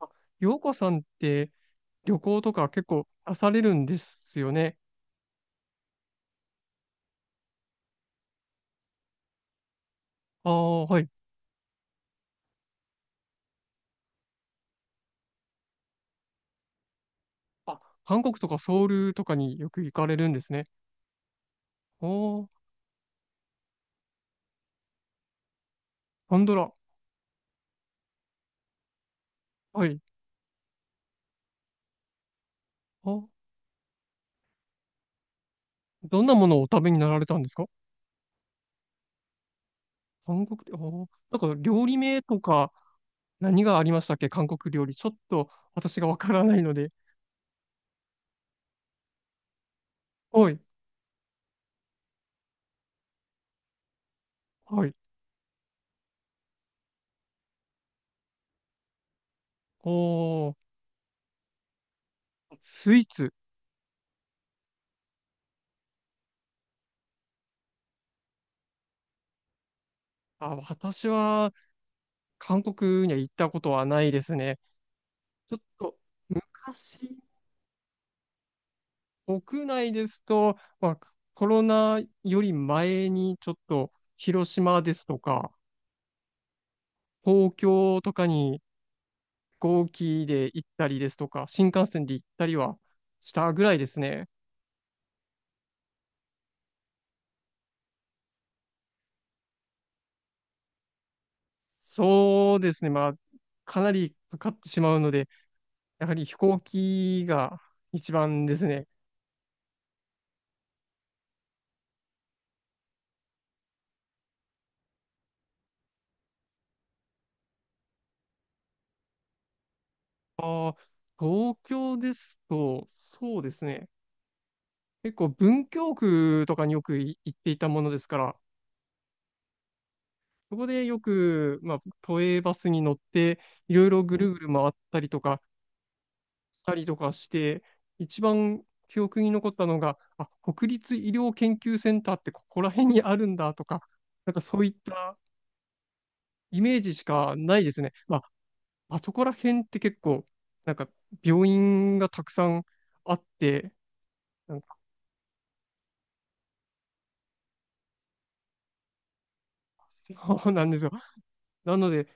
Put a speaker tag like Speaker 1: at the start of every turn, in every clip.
Speaker 1: あ、洋子さんって旅行とか結構なされるんですよね。ああ、はい。あ、韓国とかソウルとかによく行かれるんですね。おー、パンドラ。はい。あ、どんなものをお食べになられたんですか。韓国料理、お、なんか料理名とか何がありましたっけ、韓国料理。ちょっと私がわからないので。はい。はい。おー、スイーツ。あ、私は韓国には行ったことはないですね。ちょっと昔、国内ですと、まあ、コロナより前にちょっと広島ですとか、東京とかに飛行機で行ったりですとか、新幹線で行ったりはしたぐらいですね。そうですね、まあ、かなりかかってしまうので、やはり飛行機が一番ですね。あー、東京ですと、そうですね、結構文京区とかによく行っていたものですから、そこでよく、まあ、都営バスに乗って、いろいろぐるぐる回ったりとか、したりとかして、一番記憶に残ったのが、あ、国立医療研究センターってここら辺にあるんだとか、なんかそういったイメージしかないですね。まあ、あそこら辺って結構、なんか病院がたくさんあって、なんかそうなんですよ。なので、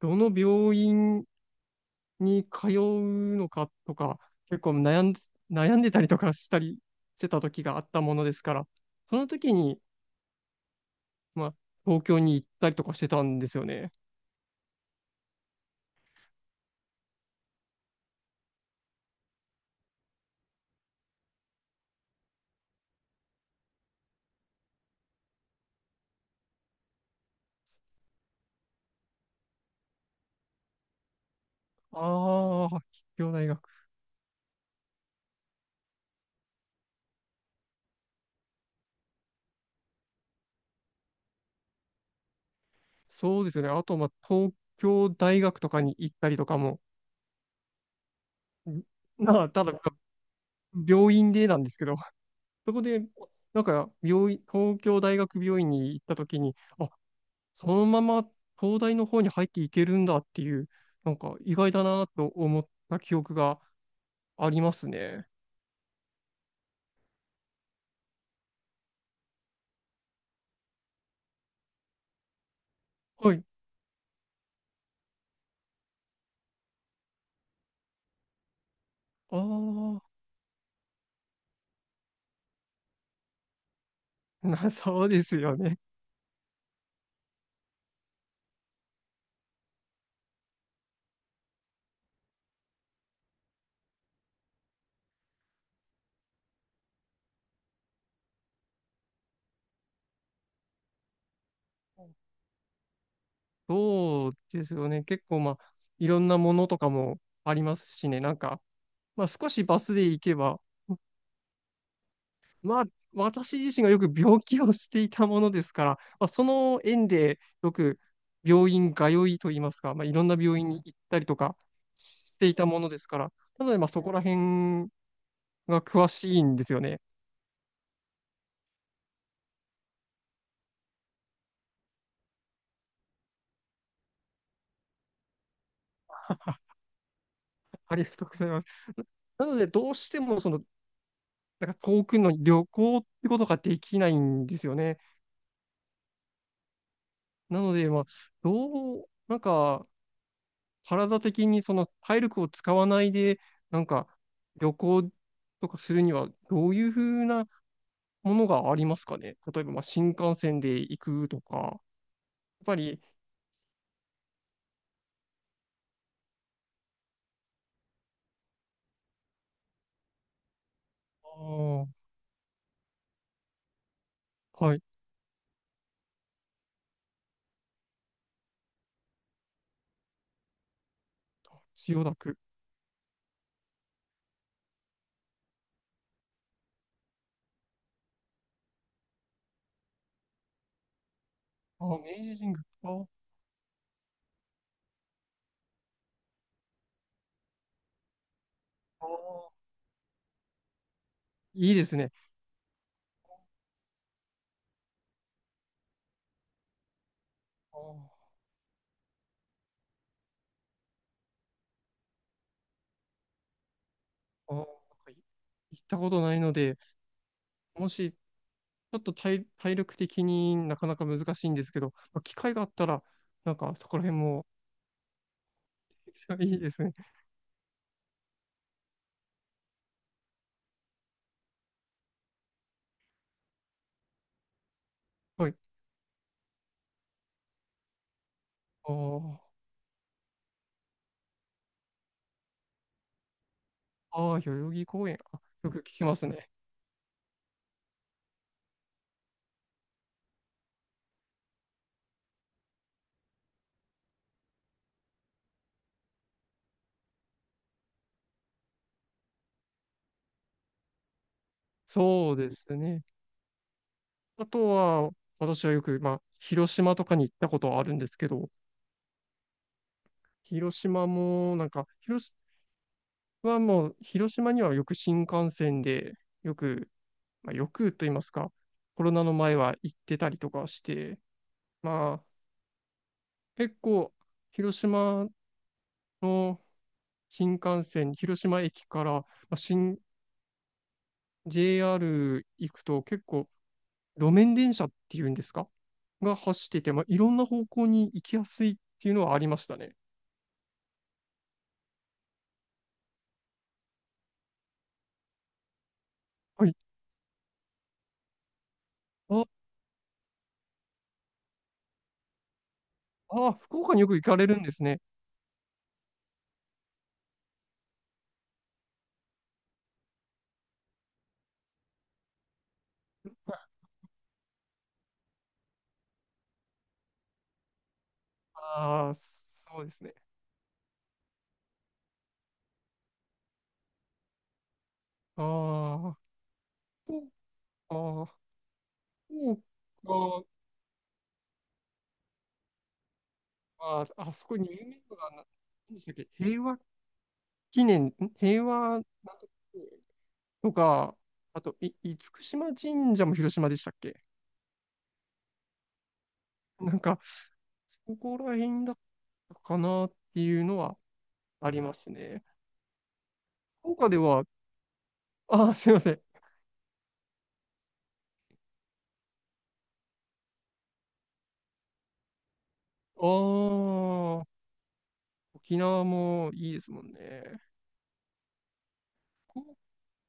Speaker 1: どの病院に通うのかとか、結構悩ん、悩んでたりとかしたりしてた時があったものですから、その時に、まあ、東京に行ったりとかしてたんですよね。ああ、立教大学。そうですよね。あと、まあ、東京大学とかに行ったりとかも、んまあ、ただ、病院でなんですけど、そこで、なんか、病院、東京大学病院に行ったときに、あ、そのまま東大の方に入っていけるんだっていう、なんか意外だなと思った記憶がありますね。はい。ああ、な、そうですよね。そうですよね。結構まあ、いろんなものとかもありますしね。なんか、まあ少しバスで行けば、まあ私自身がよく病気をしていたものですから、まあ、その縁でよく病院通いといいますか、まあ、いろんな病院に行ったりとかしていたものですから、なので、まあ、そこら辺が詳しいんですよね。ありがとうございます。なので、どうしても、その、なんか遠くの旅行ってことができないんですよね。なので、まあ、どう、なんか、体的にその体力を使わないで、なんか、旅行とかするには、どういうふうなものがありますかね。例えば、まあ、新幹線で行くとか、やっぱり、あー、はい、千代田区、あー、明治神宮、あー、あー、いいですね。あー、あー、なんかい、行ったことないので、もし、ちょっと体、体力的になかなか難しいんですけど、まあ、機会があったら、なんかそこら辺も いいですね。はい。あー、あー、代々木公園。あ、よく聞きますね。そうですね。あとは、私はよく、まあ、広島とかに行ったことはあるんですけど、広島も、なんか、広島はもう、広島にはよく新幹線で、よく、まあ、よくと言いますか、コロナの前は行ってたりとかして、まあ、結構、広島の新幹線、広島駅から、まあ JR 行くと、結構、路面電車っていうんですかが走ってて、まあ、いろんな方向に行きやすいっていうのはありましたね。はい。あ、あ、福岡によく行かれるんですね。ああ、そうですね。ああ、福岡、福岡、あ、あそこに有名なのがな、何でしたっけ、平和記念、平和、なんとかとか、あと、い、厳島神社も広島でしたっけ。なんか、そこら辺だったかなっていうのはありますね。福岡では、あー、すいません。あー、沖縄もいいですもんね。こ、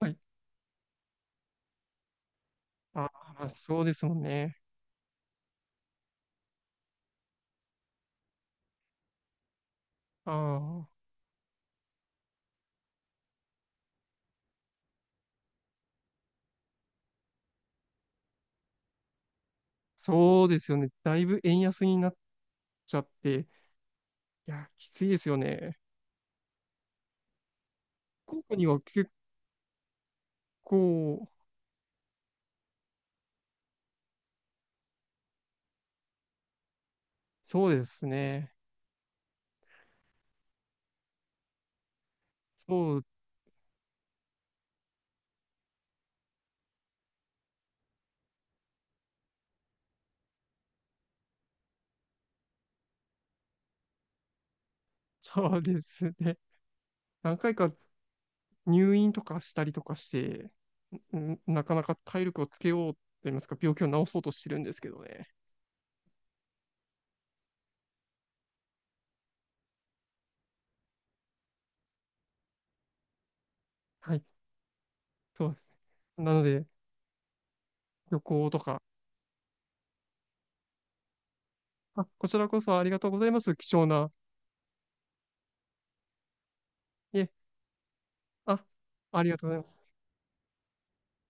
Speaker 1: はい。あー、まあ、そうですもんね。あー、そうですよね。だいぶ円安になっちゃって、いや、きついですよね。福岡には結構、そうですね。そう、そうですね。何回か入院とかしたりとかして、なかなか体力をつけようと言いますか、病気を治そうとしてるんですけどね。はい、そうですね。なので、旅行とか、あ、こちらこそありがとうございます。貴重な。いえ、あ、ありがとうございます。